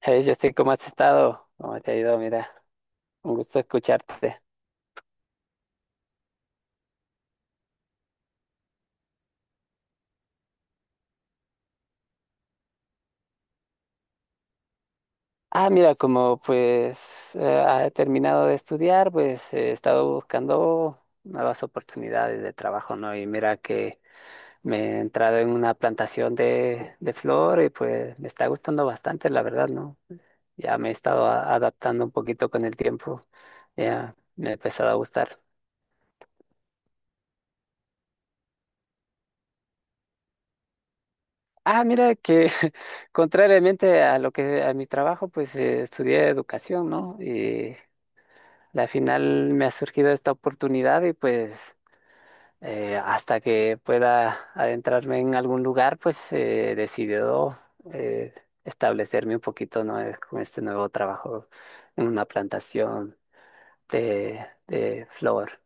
Hey, Justin, ¿cómo has estado? ¿Cómo te ha ido? Mira, un gusto escucharte. Ah, mira, como pues he terminado de estudiar, pues he estado buscando nuevas oportunidades de trabajo, ¿no? Y mira que me he entrado en una plantación de flor y pues me está gustando bastante, la verdad, ¿no? Ya me he estado adaptando un poquito con el tiempo, ya me ha empezado a gustar. Ah, mira que contrariamente a lo que a mi trabajo, pues estudié educación, ¿no? Y la final me ha surgido esta oportunidad y pues hasta que pueda adentrarme en algún lugar, pues he decidido eh, establecerme un poquito, ¿no? Con este nuevo trabajo en una plantación de flor.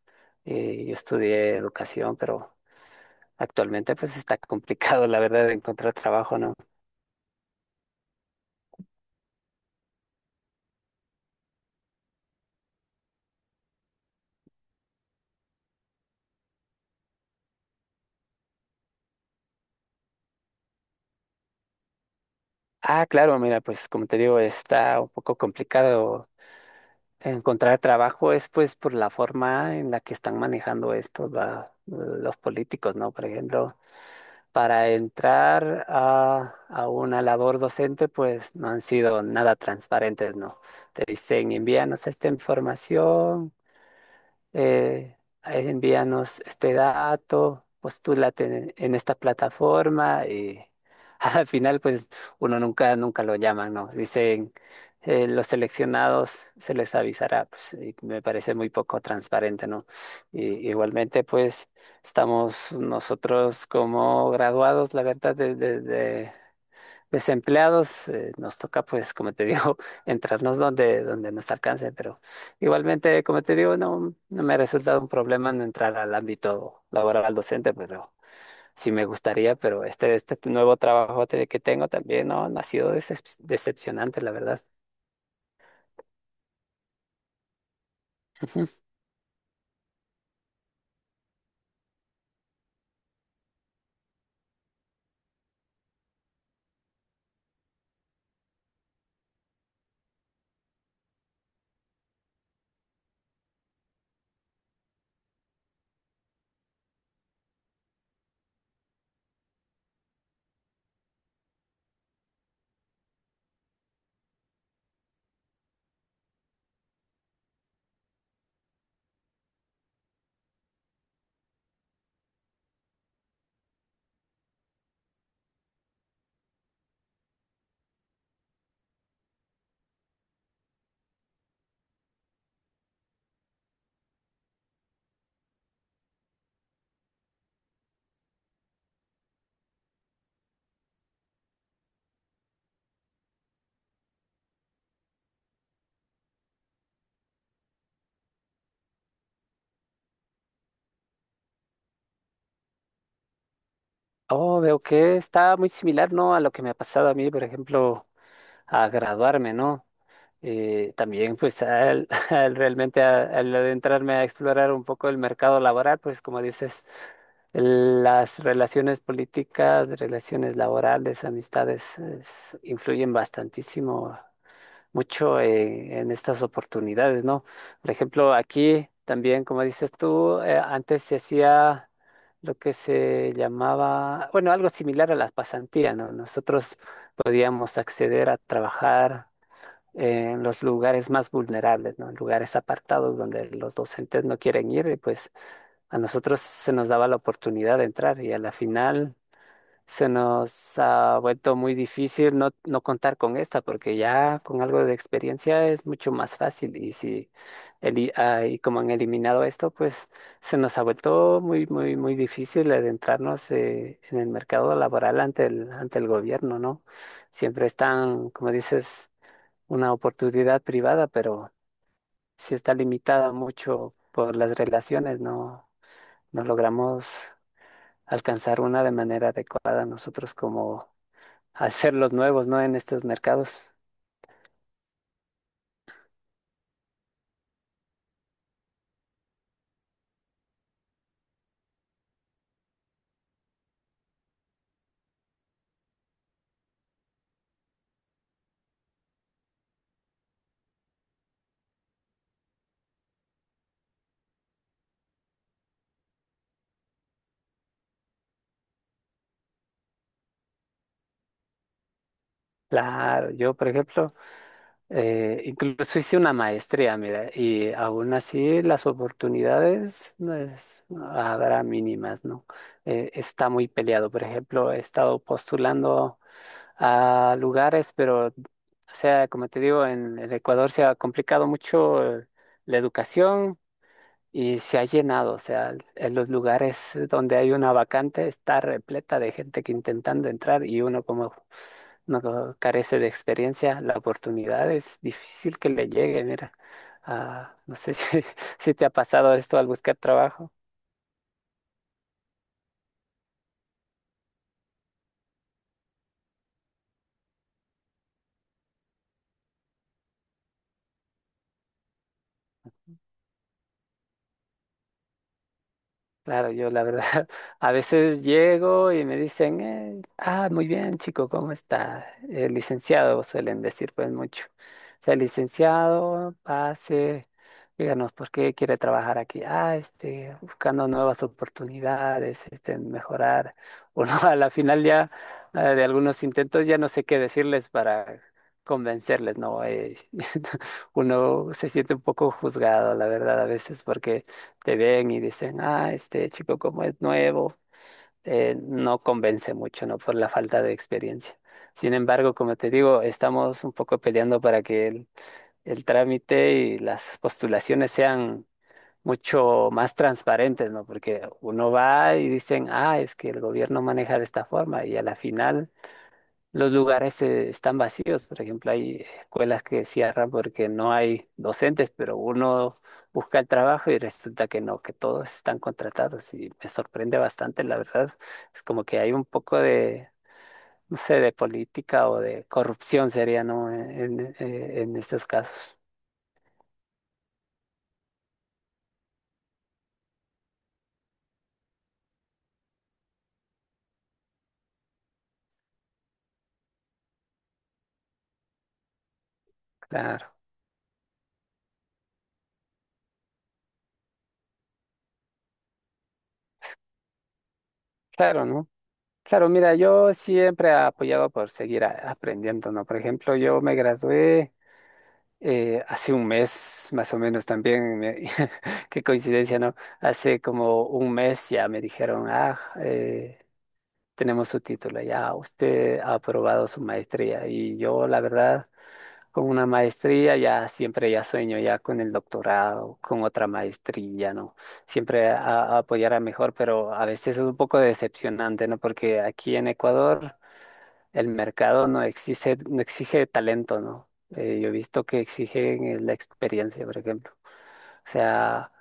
Yo estudié educación, pero actualmente pues está complicado, la verdad, de encontrar trabajo, ¿no? Ah, claro, mira, pues como te digo, está un poco complicado. Encontrar trabajo es pues por la forma en la que están manejando esto va, los políticos, ¿no? Por ejemplo, para entrar a una labor docente, pues no han sido nada transparentes, ¿no? Te dicen, envíanos esta información, eh, envíanos este dato, postúlate en esta plataforma y al final pues uno nunca, nunca lo llaman, ¿no? Dicen, los seleccionados se les avisará, pues y me parece muy poco transparente, ¿no? Y, igualmente pues estamos nosotros como graduados, la verdad, desde desempleados, nos toca, pues, como te digo, entrarnos donde nos alcance, pero igualmente, como te digo, no, no me ha resultado un problema en entrar al ámbito laboral docente, pero sí me gustaría, pero este nuevo trabajo que tengo también, no, no ha sido decepcionante, la verdad. Ujú. Oh, veo que está muy similar, ¿no? A lo que me ha pasado a mí, por ejemplo, a graduarme, ¿no? También pues al, al realmente al adentrarme a explorar un poco el mercado laboral, pues como dices, las relaciones políticas, relaciones laborales, amistades influyen bastantísimo, mucho en estas oportunidades, ¿no? Por ejemplo, aquí también, como dices tú, antes se hacía lo que se llamaba, bueno, algo similar a las pasantías, ¿no? Nosotros podíamos acceder a trabajar en los lugares más vulnerables, ¿no? En lugares apartados donde los docentes no quieren ir, y pues a nosotros se nos daba la oportunidad de entrar y a la final se nos ha vuelto muy difícil no, no contar con esta, porque ya con algo de experiencia es mucho más fácil y si y como han eliminado esto, pues se nos ha vuelto muy, muy, muy difícil adentrarnos en el mercado laboral ante el gobierno, ¿no? Siempre están, como dices, una oportunidad privada, pero sí está limitada mucho por las relaciones, no, no logramos alcanzar una de manera adecuada nosotros como al ser los nuevos, ¿no? En estos mercados. Claro, yo, por ejemplo, incluso hice una maestría, mira, y aún así las oportunidades no habrá mínimas, ¿no? Está muy peleado. Por ejemplo, he estado postulando a lugares, pero, o sea, como te digo, en, el Ecuador se ha complicado mucho la educación y se ha llenado, o sea, en los lugares donde hay una vacante está repleta de gente que intentando entrar y uno como no carece de experiencia, la oportunidad es difícil que le llegue, mira. Ah, no sé si, si te ha pasado esto al buscar trabajo. Claro, yo la verdad, a veces llego y me dicen, ah, muy bien, chico, ¿cómo está? El licenciado, suelen decir pues mucho. O sea, licenciado, pase, díganos por qué quiere trabajar aquí. Ah, este, buscando nuevas oportunidades, este, mejorar. Uno a la final ya de algunos intentos ya no sé qué decirles para convencerles, ¿no? Uno se siente un poco juzgado, la verdad, a veces, porque te ven y dicen, ah, este chico como es nuevo, no convence mucho, ¿no? Por la falta de experiencia. Sin embargo, como te digo, estamos un poco peleando para que el trámite y las postulaciones sean mucho más transparentes, ¿no? Porque uno va y dicen, ah, es que el gobierno maneja de esta forma y a la final los lugares están vacíos, por ejemplo, hay escuelas que cierran porque no hay docentes, pero uno busca el trabajo y resulta que no, que todos están contratados y me sorprende bastante, la verdad. Es como que hay un poco de, no sé, de política o de corrupción sería, ¿no? En estos casos. Claro, claro, ¿no? Claro, mira, yo siempre apoyaba por seguir aprendiendo, ¿no? Por ejemplo, yo me gradué. Hace un mes, más o menos también, qué coincidencia, ¿no? Hace como un mes ya me dijeron, ah, tenemos su título, ya usted ha aprobado su maestría. Y yo, la verdad, con una maestría ya siempre ya sueño ya con el doctorado, con otra maestría, ¿no? Siempre a apoyar a mejor, pero a veces es un poco decepcionante, ¿no? Porque aquí en Ecuador, el mercado no exige, no exige talento, ¿no? Yo he visto que exigen la experiencia, por ejemplo. O sea,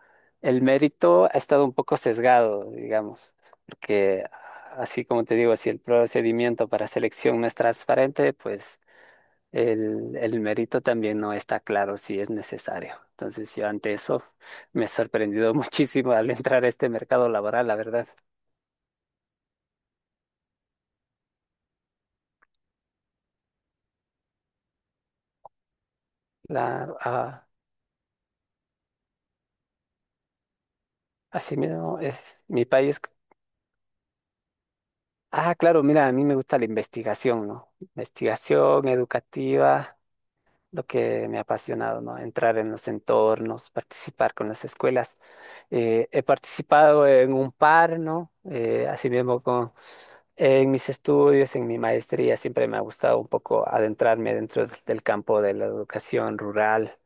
el mérito ha estado un poco sesgado, digamos, porque así como te digo, si el procedimiento para selección no es transparente, pues el mérito también no está claro si es necesario. Entonces yo ante eso me he sorprendido muchísimo al entrar a este mercado laboral, la verdad. La, ah, así mismo es mi país. Ah, claro, mira, a mí me gusta la investigación, ¿no? Investigación educativa, lo que me ha apasionado, ¿no? Entrar en los entornos, participar con las escuelas. He participado en un par, ¿no? Así mismo con, en mis estudios, en mi maestría, siempre me ha gustado un poco adentrarme dentro del campo de la educación rural,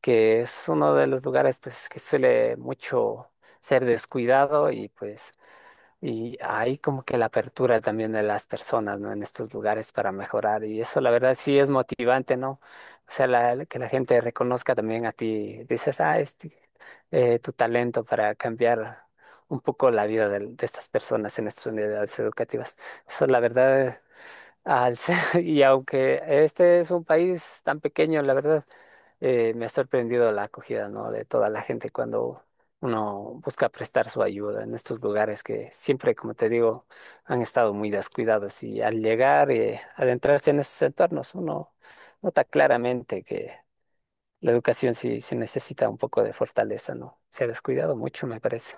que es uno de los lugares, pues, que suele mucho ser descuidado y pues... Y hay como que la apertura también de las personas, ¿no? En estos lugares para mejorar. Y eso, la verdad, sí es motivante, ¿no? O sea, que la gente reconozca también a ti. Dices, ah, este, tu talento para cambiar un poco la vida de estas personas en estas unidades educativas. Eso, la verdad, y aunque este es un país tan pequeño, la verdad me ha sorprendido la acogida, ¿no? De toda la gente cuando uno busca prestar su ayuda en estos lugares que siempre, como te digo, han estado muy descuidados y al llegar y adentrarse en esos entornos, uno nota claramente que la educación sí, sí necesita un poco de fortaleza, ¿no? Se ha descuidado mucho, me parece.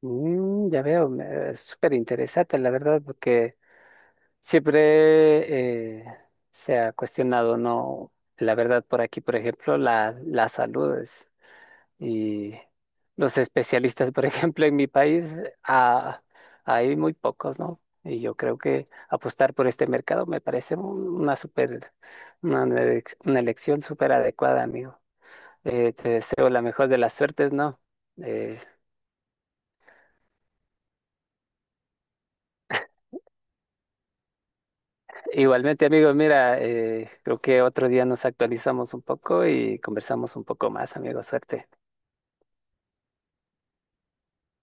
Mm, ya veo, es súper interesante, la verdad, porque... Siempre se ha cuestionado, ¿no? La verdad, por aquí, por ejemplo, la salud y los especialistas, por ejemplo, en mi país, ah, hay muy pocos, ¿no? Y yo creo que apostar por este mercado me parece una super, una, una elección súper adecuada, amigo. Te deseo la mejor de las suertes, ¿no? Eh, Igualmente, amigo, mira, creo que otro día nos actualizamos un poco y conversamos un poco más, amigo. Suerte.